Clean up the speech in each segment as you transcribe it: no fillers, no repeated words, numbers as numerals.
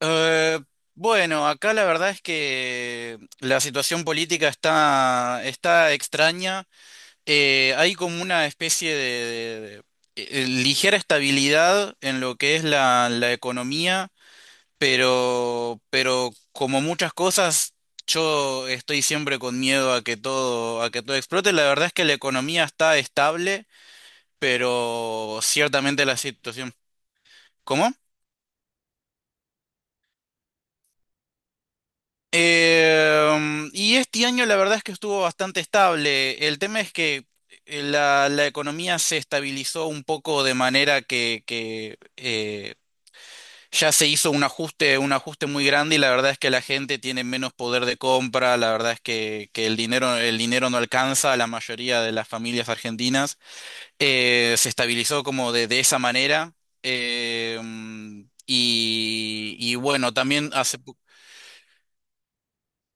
Eh, bueno, acá la verdad es que la situación política está extraña. Hay como una especie de- de ligera estabilidad en lo que es la economía, pero como muchas cosas, yo estoy siempre con miedo a que todo explote. La verdad es que la economía está estable, pero ciertamente la situación. ¿Cómo? Y este año la verdad es que estuvo bastante estable. El tema es que la economía se estabilizó un poco de manera que ya se hizo un ajuste muy grande y la verdad es que la gente tiene menos poder de compra, la verdad es que el dinero no alcanza a la mayoría de las familias argentinas. Se estabilizó como de esa manera. Y bueno, también hace...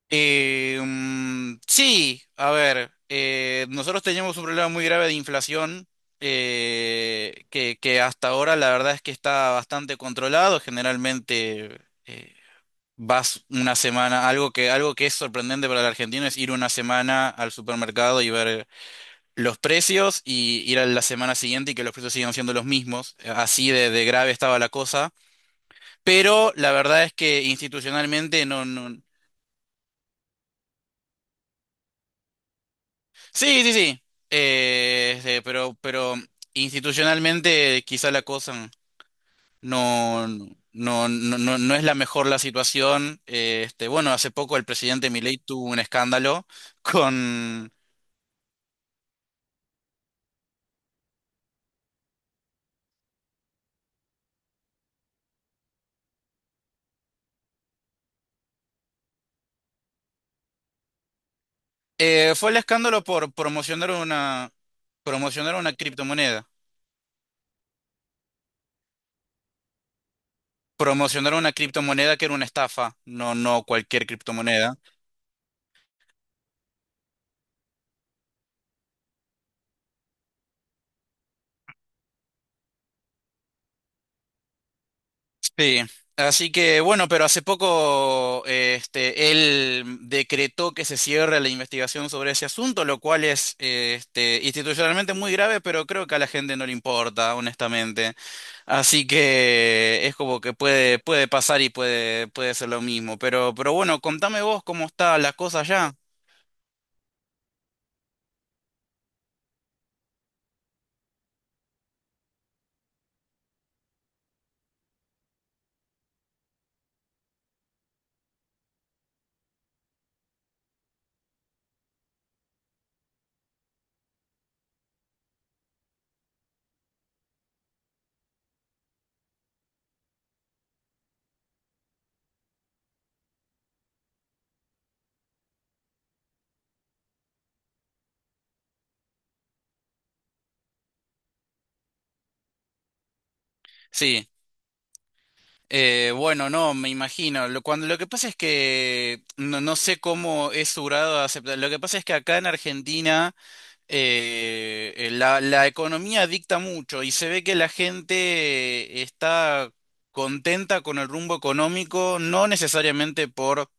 Sí, a ver, nosotros teníamos un problema muy grave de inflación que hasta ahora la verdad es que está bastante controlado. Generalmente eh, vas una semana, algo que es sorprendente para el argentino es ir una semana al supermercado y ver los precios y ir a la semana siguiente y que los precios sigan siendo los mismos. Así de grave estaba la cosa. Pero la verdad es que institucionalmente no, no. Sí, sí, sí. Pero institucionalmente quizá la cosa no, no, no, no, no es la mejor la situación. Bueno, hace poco el presidente Milei tuvo un escándalo con... fue el escándalo por promocionar promocionar una criptomoneda. Promocionar una criptomoneda que era una estafa, no, no cualquier criptomoneda. Sí, así que bueno, pero hace poco él decretó que se cierre la investigación sobre ese asunto, lo cual es institucionalmente muy grave, pero creo que a la gente no le importa, honestamente. Así que es como que puede, puede pasar y puede, puede ser lo mismo. Pero bueno, contame vos cómo está la cosa ya. Sí. Bueno, no, me imagino. Lo que pasa es que no, no sé cómo es su grado de aceptación. Lo que pasa es que acá en Argentina la economía dicta mucho y se ve que la gente está contenta con el rumbo económico, no necesariamente por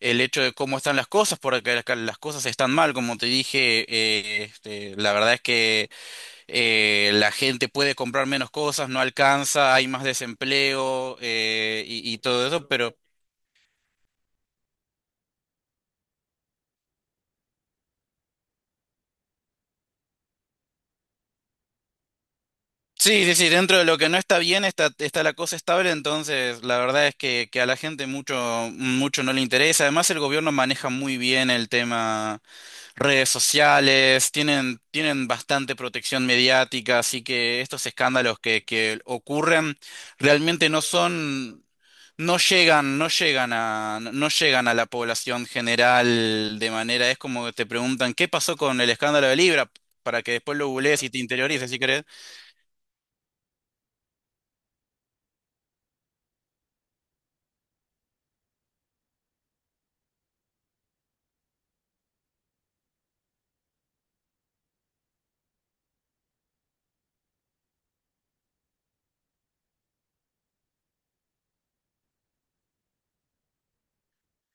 el hecho de cómo están las cosas, porque las cosas están mal, como te dije, la verdad es que la gente puede comprar menos cosas, no alcanza, hay más desempleo y todo eso. Sí, sí, sí, dentro de lo que no está bien está la cosa estable, entonces la verdad es que a la gente mucho, mucho no le interesa. Además, el gobierno maneja muy bien el tema redes sociales, tienen bastante protección mediática, así que estos escándalos que ocurren realmente no son, no llegan, no llegan a, no llegan a la población general de manera, es como que te preguntan, ¿qué pasó con el escándalo de Libra? Para que después lo googlees y te interiorices, si querés.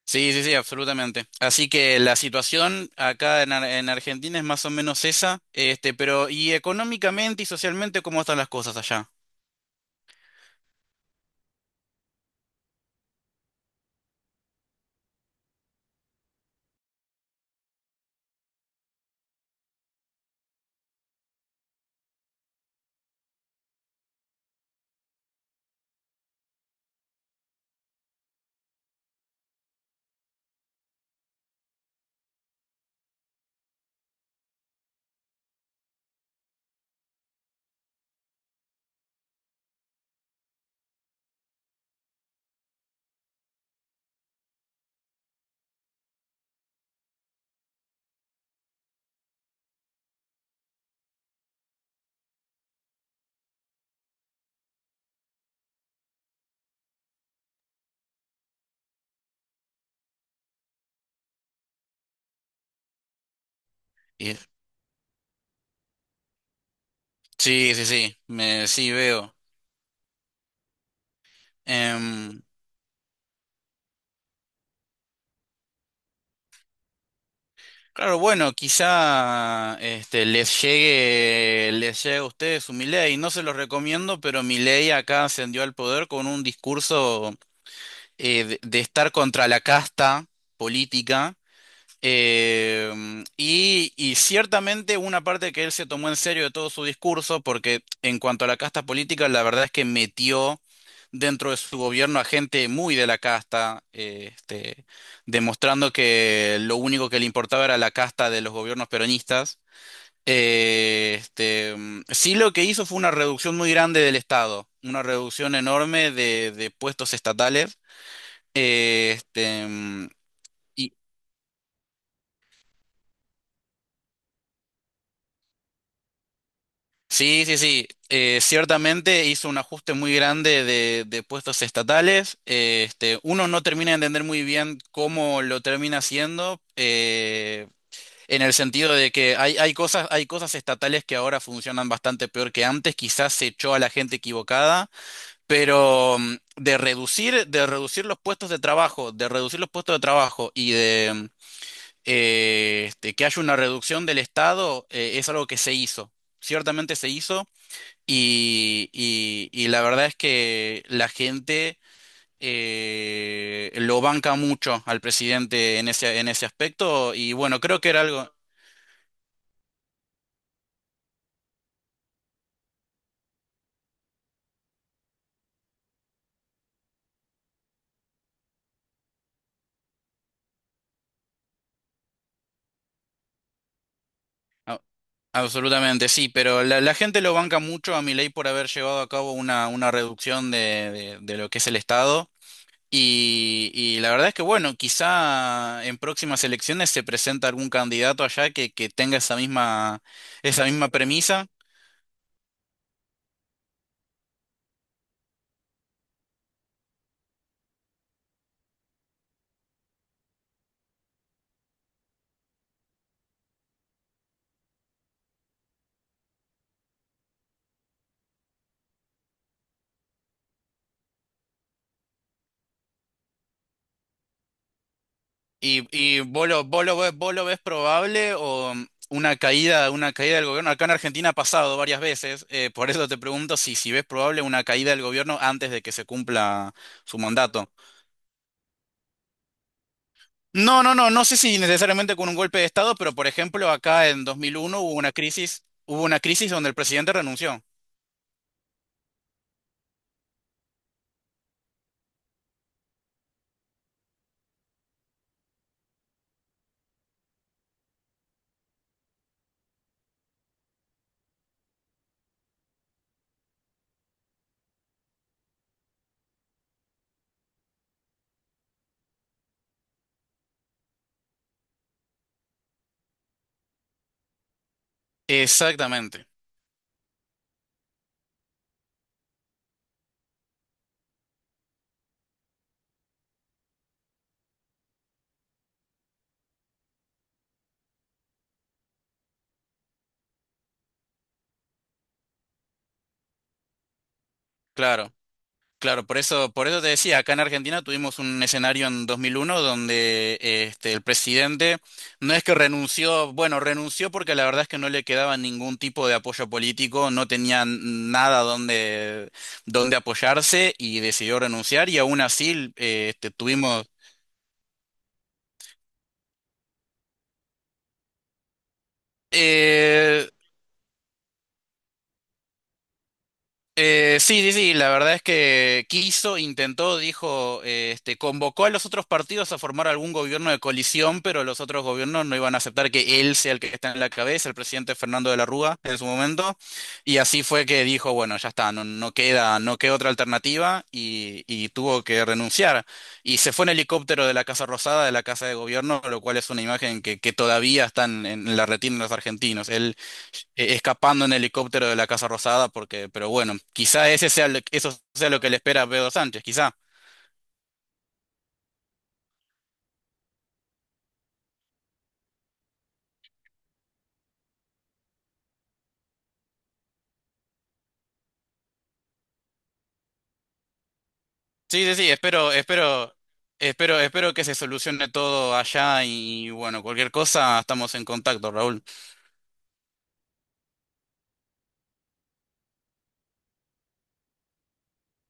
Sí, sí, sí, absolutamente. Así que la situación acá en, en Argentina es más o menos esa, este, pero y económicamente y socialmente, ¿cómo están las cosas allá? Y- sí, sí, sí, me, sí veo. Em, claro, bueno, quizá este, les llegue a ustedes su Milei. No se los recomiendo, pero Milei acá ascendió al poder con un discurso de estar contra la casta política. Y ciertamente una parte que él se tomó en serio de todo su discurso, porque en cuanto a la casta política, la verdad es que metió dentro de su gobierno a gente muy de la casta, demostrando que lo único que le importaba era la casta de los gobiernos peronistas. Sí, lo que hizo fue una reducción muy grande del Estado, una reducción enorme de puestos estatales. eh, este, mm, Sí, sí, sí. Ciertamente hizo un ajuste muy grande de puestos estatales. Uno no termina de entender muy bien cómo lo termina haciendo, en el sentido de que hay, hay cosas estatales que ahora funcionan bastante peor que antes. Quizás se echó a la gente equivocada, pero de reducir los puestos de trabajo, de reducir los puestos de trabajo y de que haya una reducción del Estado, es algo que se hizo. Ciertamente se hizo. Y la verdad es que la gente lo banca mucho al presidente en ese aspecto. Y bueno, creo que era algo. a- Absolutamente, sí, pero la gente lo banca mucho a Milei por haber llevado a cabo una reducción de lo que es el Estado. Y la verdad es que, bueno, quizá en próximas elecciones se presenta algún candidato allá que tenga esa misma premisa. ¿Y vos lo ves probable o una caída del gobierno? Acá en Argentina ha pasado varias veces, por eso te pregunto si, si ves probable una caída del gobierno antes de que se cumpla su mandato. No, no, no, no sé si necesariamente con un golpe de Estado, pero por ejemplo acá en 2001 hubo una crisis donde el presidente renunció. Exactamente, claro. Claro, por eso te decía, acá en Argentina tuvimos un escenario en 2001 donde este, el presidente no es que renunció, bueno, renunció porque la verdad es que no le quedaba ningún tipo de apoyo político, no tenía nada donde, donde apoyarse y decidió renunciar y aún así tuvimos... eh, sí, sí, sí, la verdad es que quiso, intentó, dijo, convocó a los otros partidos a formar algún gobierno de coalición, pero los otros gobiernos no iban a aceptar que él sea el que está en la cabeza, el presidente Fernando de la Rúa en su momento, y así fue que dijo, bueno, ya está, no, no queda, no queda otra alternativa y tuvo que renunciar. Y se fue en helicóptero de la Casa Rosada, de la Casa de Gobierno, lo cual es una imagen que todavía está en la retina de los argentinos, escapando en helicóptero de la Casa Rosada, porque, pero bueno, quizá ese sea eso sea lo que le espera a Pedro Sánchez, quizá. Sí, sí, sí, espero, espero, espero, espero que se solucione todo allá y bueno, cualquier cosa estamos en contacto, Raúl.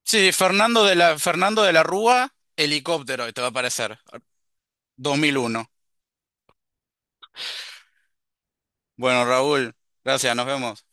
Sí, Fernando de la Rúa, helicóptero, te va a aparecer, 2001. Bueno, Raúl, gracias, nos vemos.